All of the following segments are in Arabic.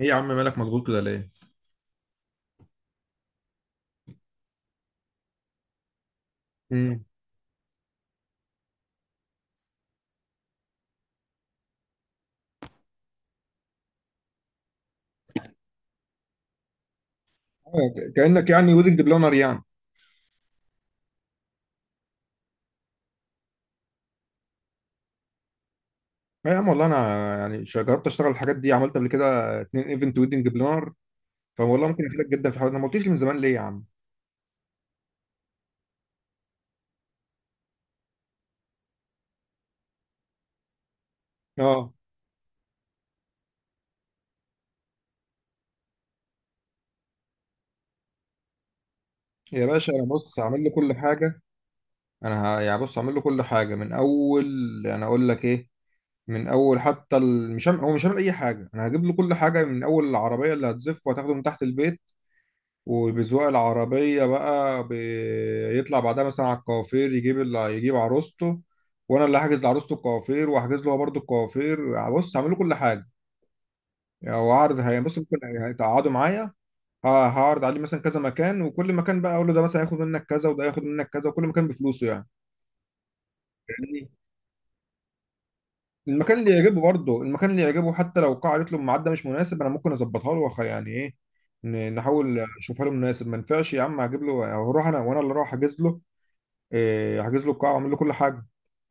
ايه يا عم مالك مضغوط كده ليه؟ امم. آه، كانك يعني ويدنج بلانر يعني. لا يا عم والله انا يعني جربت اشتغل الحاجات دي، عملت قبل كده اتنين ايفنت ويدنج بلانر. فوالله ممكن افيدك جدا في حاجه، انا ما قلتليش من زمان ليه يا عم. اه يا باشا، انا بص هعمل له كل حاجه. انا يعني بص هعمل له كل حاجه من اول. انا اقول لك ايه، من اول حتى مش هعمل هو مش هعمل اي حاجه، انا هجيب له كل حاجه من اول. العربيه اللي هتزف وهتاخده من تحت البيت، وبذوق العربية بقى بيطلع بعدها مثلا على الكوافير، يجيب اللي يجيب عروسته، وانا اللي هحجز لعروسته الكوافير، وهحجز له هو برضه الكوافير. بص هعمل له كل حاجة، يعني هو عرض، هي بص ممكن هيتقعدوا معايا. هعرض عليه مثلا كذا مكان، وكل مكان بقى اقول له ده مثلا هياخد منك كذا، وده هياخد منك كذا، وكل مكان بفلوسه يعني. يعني المكان اللي يعجبه، برضه المكان اللي يعجبه، حتى لو القاعة قالت له الميعاد ده مش مناسب، انا ممكن اظبطها له يعني ايه، نحاول نشوفها له مناسب. ما ينفعش يا عم، هجيب له، هروح انا، وانا اللي اروح احجز له إيه، حاجز له القاعه وعامل له كل حاجه.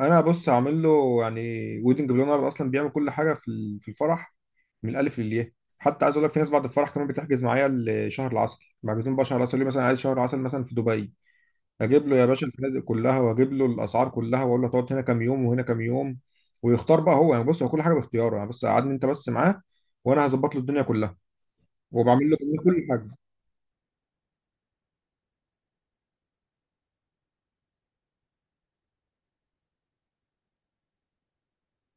انا بص هعمل له يعني. ويدنج بلانر اصلا بيعمل كل حاجه في في الفرح، من الالف للياء. حتى عايز اقول لك، في ناس بعد الفرح كمان بتحجز معايا لشهر العسل، محجزين بقى شهر العسل، ليه؟ مثلا عايز شهر عسل مثلا في دبي، اجيب له يا باشا الفنادق كلها، واجيب له الاسعار كلها، واقول له هتقعد هنا كام يوم وهنا كام يوم. ويختار بقى هو يعني، بص هو كل حاجه باختياره يعني، بس قعدني انت بس معاه، وانا هظبط له الدنيا كلها، وبعمل له كمان كل حاجه.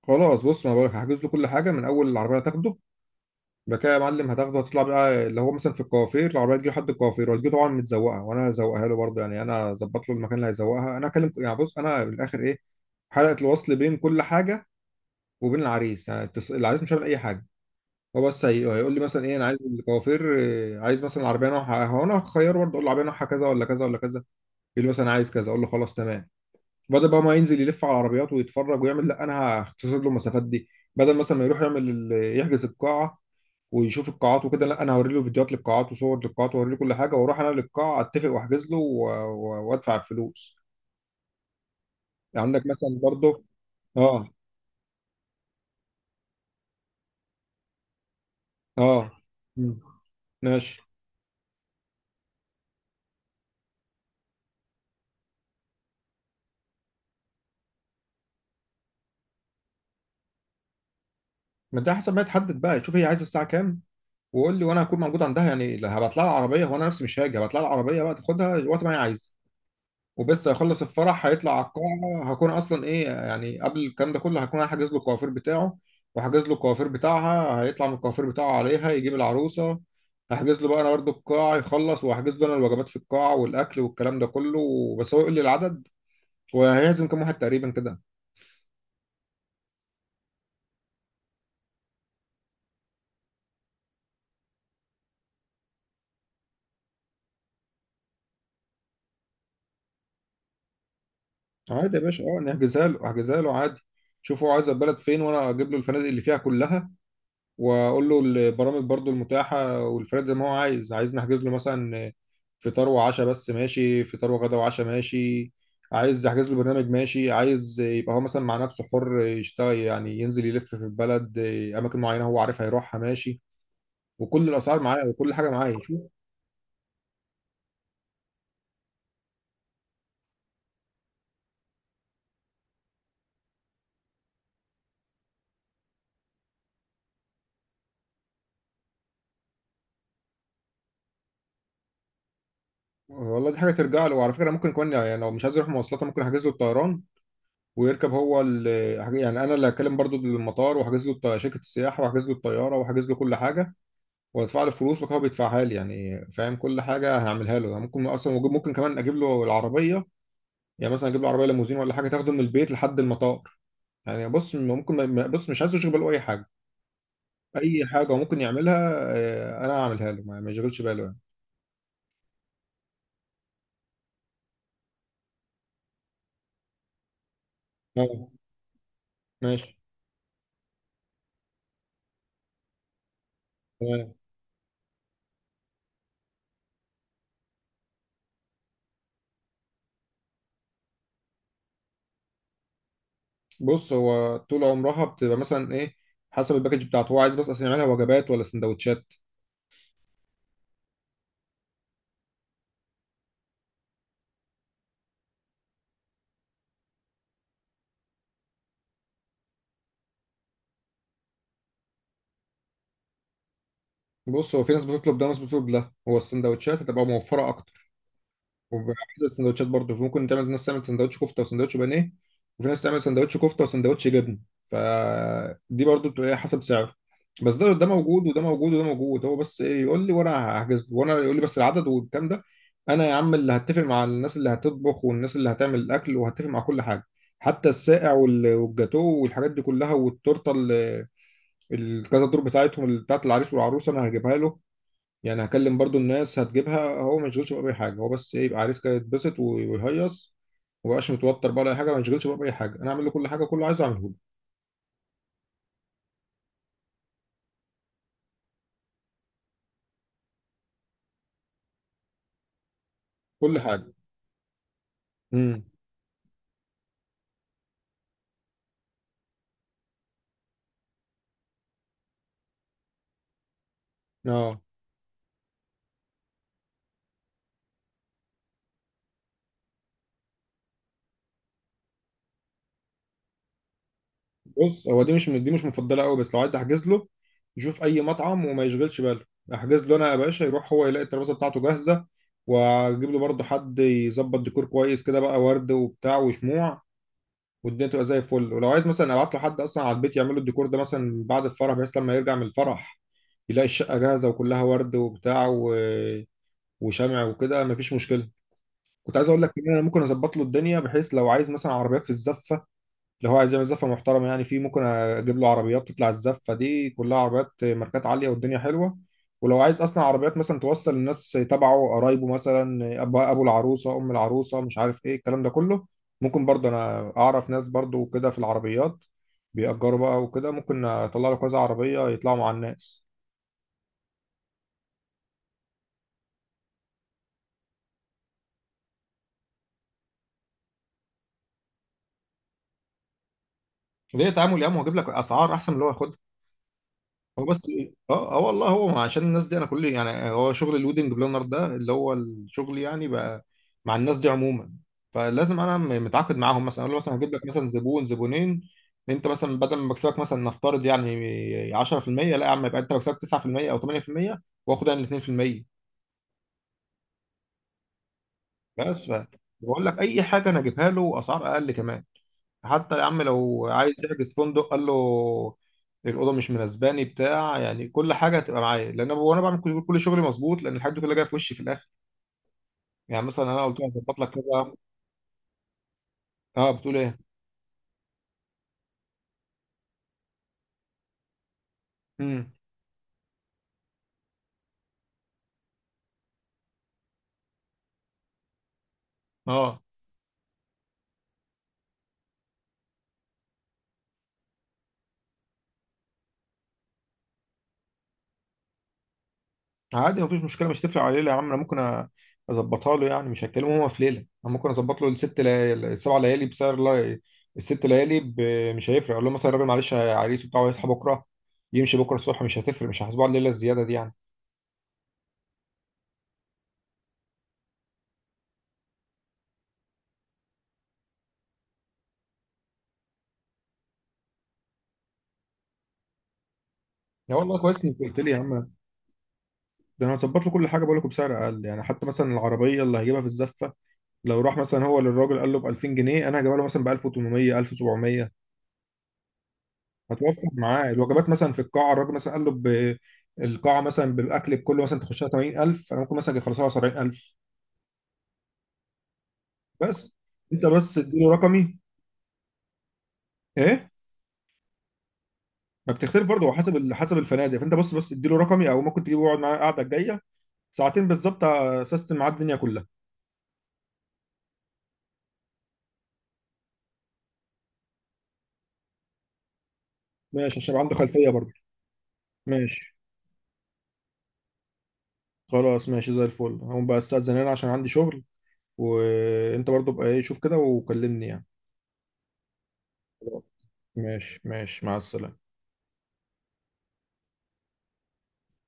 خلاص، بص ما بقولك هحجز له كل حاجه. من اول العربيه هتاخده، يبقى كده يا معلم، هتاخده هتطلع بقى اللي هو مثلا في الكوافير، العربيه تجي لحد الكوافير، وهتجي طبعا متزوقه، وانا هزوقها له برضه يعني. انا اظبط له المكان اللي هيزوقها، انا اكلم يعني، بص انا من الاخر ايه، حلقه الوصل بين كل حاجه وبين العريس. يعني العريس مش هيعمل اي حاجه، هو بس هيقول لي مثلا ايه، انا عايز الكوافير إيه، عايز مثلا العربيه نوعها، هو انا هخيره برضه، اقول له العربيه نوعها كذا ولا كذا ولا كذا، يقول لي مثلا عايز كذا، اقول له خلاص تمام. بدل بقى ما ينزل يلف على العربيات ويتفرج ويعمل، لا انا هختصر له المسافات دي. بدل مثلا ما يروح يعمل يحجز القاعه، ويشوف القاعات وكده، لا انا هوري له فيديوهات للقاعات وصور للقاعات، واوري له كل حاجه، واروح انا للقاعه اتفق واحجز له وادفع الفلوس. يعني عندك مثلا برضه. اه. اه. مم. ماشي. ما انت حسب ما تحدد بقى، شوف هي عايزه الساعه كام، وقول لي، وانا هكون موجود عندها يعني، لا هبعت لها العربيه، هو انا نفسي مش هاجي، هبعت لها العربيه بقى تاخدها وقت ما هي عايزه. وبس هيخلص الفرح هيطلع على القاعة، هكون أصلا إيه يعني، قبل الكلام ده كله هكون أنا حاجز له الكوافير بتاعه، وحاجز له الكوافير بتاعها، هيطلع من الكوافير بتاعه عليها، يجيب العروسة. هحجز له بقى أنا برضه القاعة، يخلص وهحجز له أنا الوجبات في القاعة والأكل والكلام ده كله. بس هو يقول لي العدد، وهيعزم كام واحد تقريبا كده. عادي يا باشا، أه نحجزها له، أحجزها له عادي. شوف هو عايز البلد فين، وأنا أجيب له الفنادق اللي فيها كلها، واقول له البرامج برضو المتاحه والفريد، زي ما هو عايز. عايز نحجز له مثلا فطار وعشاء بس، ماشي. فطار وغدا وعشاء، ماشي. عايز احجز له برنامج، ماشي. عايز يبقى هو مثلا مع نفسه حر يشتغل، يعني ينزل يلف في البلد، اماكن معينه هو عارف هيروحها، ماشي. وكل الاسعار معايا وكل حاجه معايا، شوف. والله دي حاجه ترجع له. وعلى فكره، ممكن كمان يعني لو مش عايز يروح مواصلات، ممكن احجز له الطيران، ويركب هو يعني انا اللي هكلم برضو المطار، واحجز له شركه السياحه، واحجز له الطياره، واحجز له كل حاجه، وادفع له فلوس، وهو بيدفعها لي يعني. فاهم، كل حاجه هعملها له يعني. ممكن اصلا، ممكن كمان اجيب له العربيه، يعني مثلا اجيب له عربيه ليموزين ولا حاجه، تاخده من البيت لحد المطار. يعني بص ممكن، بص مش عايز يشغل باله اي حاجه. اي حاجه ممكن يعملها، آه، انا هعملها له، ما يشغلش باله يعني. أه، ماشي، تمام. بص هو طول عمرها بتبقى مثلا ايه، حسب الباكج بتاعته. هو عايز بس اصلا يعملها وجبات ولا سندوتشات؟ بص هو في ناس بتطلب ده وناس بتطلب ده. هو السندوتشات هتبقى موفره اكتر، وبحسب السندوتشات برضه، ممكن تعمل ناس تعمل سندوتش كفته وسندوتش بانيه، وفي ناس تعمل سندوتش كفته وسندوتش جبن. فدي برضه بتبقى إيه، حسب سعره. بس ده موجود، وده موجود، وده موجود، هو بس ايه يقول لي وانا هحجز له، وانا يقول لي بس العدد والكلام ده. انا يا عم اللي هتفق مع الناس اللي هتطبخ، والناس اللي هتعمل الاكل، وهتفق مع كل حاجه، حتى الساقع والجاتوه والحاجات دي كلها، والتورته الكذا دور بتاعتهم، بتاعت العريس والعروسه، انا هجيبها له. يعني هكلم برضو الناس هتجيبها، هو ما يشغلش بقى باي حاجه. هو بس إيه، يبقى عريس كده يتبسط ويهيص، وما يبقاش متوتر بقى ولا أي حاجه، ما يشغلش بقى باي حاجه، انا اعمل له كل حاجه، كله عايزه اعمله له. كل حاجه. امم. اه، بص هو دي مش مفضله قوي، بس لو عايز احجز له يشوف اي مطعم وما يشغلش باله، احجز له انا يا باشا، يروح هو يلاقي الترابيزه بتاعته جاهزه، واجيب له برضو حد يظبط ديكور كويس كده بقى، ورد وبتاع وشموع، والدنيا تبقى زي الفل. ولو عايز مثلا ابعت له حد اصلا على البيت يعمل له الديكور ده مثلا بعد الفرح، بحيث لما يرجع من الفرح يلاقي الشقة جاهزة، وكلها ورد وبتاع وشمع وكده، مفيش مشكلة. كنت عايز اقول لك ان انا ممكن اظبط له الدنيا، بحيث لو عايز مثلا عربيات في الزفة، لو هو عايز يعمل زفة محترمة يعني، في ممكن اجيب له عربيات، تطلع الزفة دي كلها عربيات ماركات عالية، والدنيا حلوة. ولو عايز اصلا عربيات مثلا توصل الناس تبعه، قرايبه مثلا، ابو العروسة، ام العروسة، مش عارف ايه الكلام ده كله، ممكن برضه انا اعرف ناس برضه كده في العربيات، بيأجروا بقى وكده، ممكن اطلع له كذا عربية يطلعوا مع الناس. ليه تعامل يا عم؟ هو جايب لك اسعار احسن من اللي هو ياخدها. هو بس، اه اه والله، هو عشان الناس دي، انا كل يعني، هو شغل الويدنج بلانر ده اللي هو الشغل يعني، بقى مع الناس دي عموما. فلازم انا متعاقد معاهم، مثلا اقول له مثلا هجيب لك مثلا زبون زبونين، انت مثلا بدل ما بكسبك مثلا نفترض يعني 10%، لا يا عم، يبقى انت بكسبك 9% او 8%، واخد انا ال 2%. بس ف بقول لك اي حاجه انا اجيبها له اسعار اقل كمان. حتى يا عم لو عايز يحجز فندق قال له الاوضه مش مناسباني، بتاع يعني، كل حاجه هتبقى معايا، لان انا وانا بعمل كل شغلي مظبوط، لان الحاجات دي كلها جايه في وشي في الاخر. يعني مثلا انا قلت له هظبط لك كذا. اه، بتقول ايه؟ امم. اه، عادي، مفيش مشكله، مش تفرق عليه يا عم. انا ممكن اظبطها له يعني، مش هتكلمه هو في ليله. انا ممكن اظبط له الست ليالي السبع ليالي بسعر، لا، الست ليالي مش هيفرق، اقول له مثلا الراجل معلش عريس وبتاع، ويصحى بكره، يمشي بكره الصبح، مش هتفرق، مش هحاسبه على الليله الزياده دي يعني. يا والله كويس انك قلت لي يا عم، ده انا هظبط له كل حاجه. بقول لكم بسعر اقل يعني، حتى مثلا العربيه اللي هجيبها في الزفه، لو راح مثلا هو للراجل قال له ب 2000 جنيه، انا هجيبها له مثلا ب 1800 1700. هتوفر معاه الوجبات مثلا في القاعه، الراجل مثلا قال له ب القاعه مثلا بالاكل بكله مثلا تخشها 80,000، انا ممكن مثلا أجي اخلصها 70,000. بس انت بس اديله رقمي. ايه؟ ما بتختلف برضه حسب حسب الفنادق. فانت بص، بس اديله رقمي، او ممكن تجيبه يقعد معانا القعده الجايه ساعتين بالظبط، اسست معاه الدنيا كلها. ماشي، عشان يبقى عنده خلفيه برضه. ماشي. خلاص، ماشي زي الفل، هقوم بقى استأذن انا عشان عندي شغل. وانت برضو بقى ايه، شوف كده وكلمني يعني. خلاص. ماشي، ماشي، مع السلامة.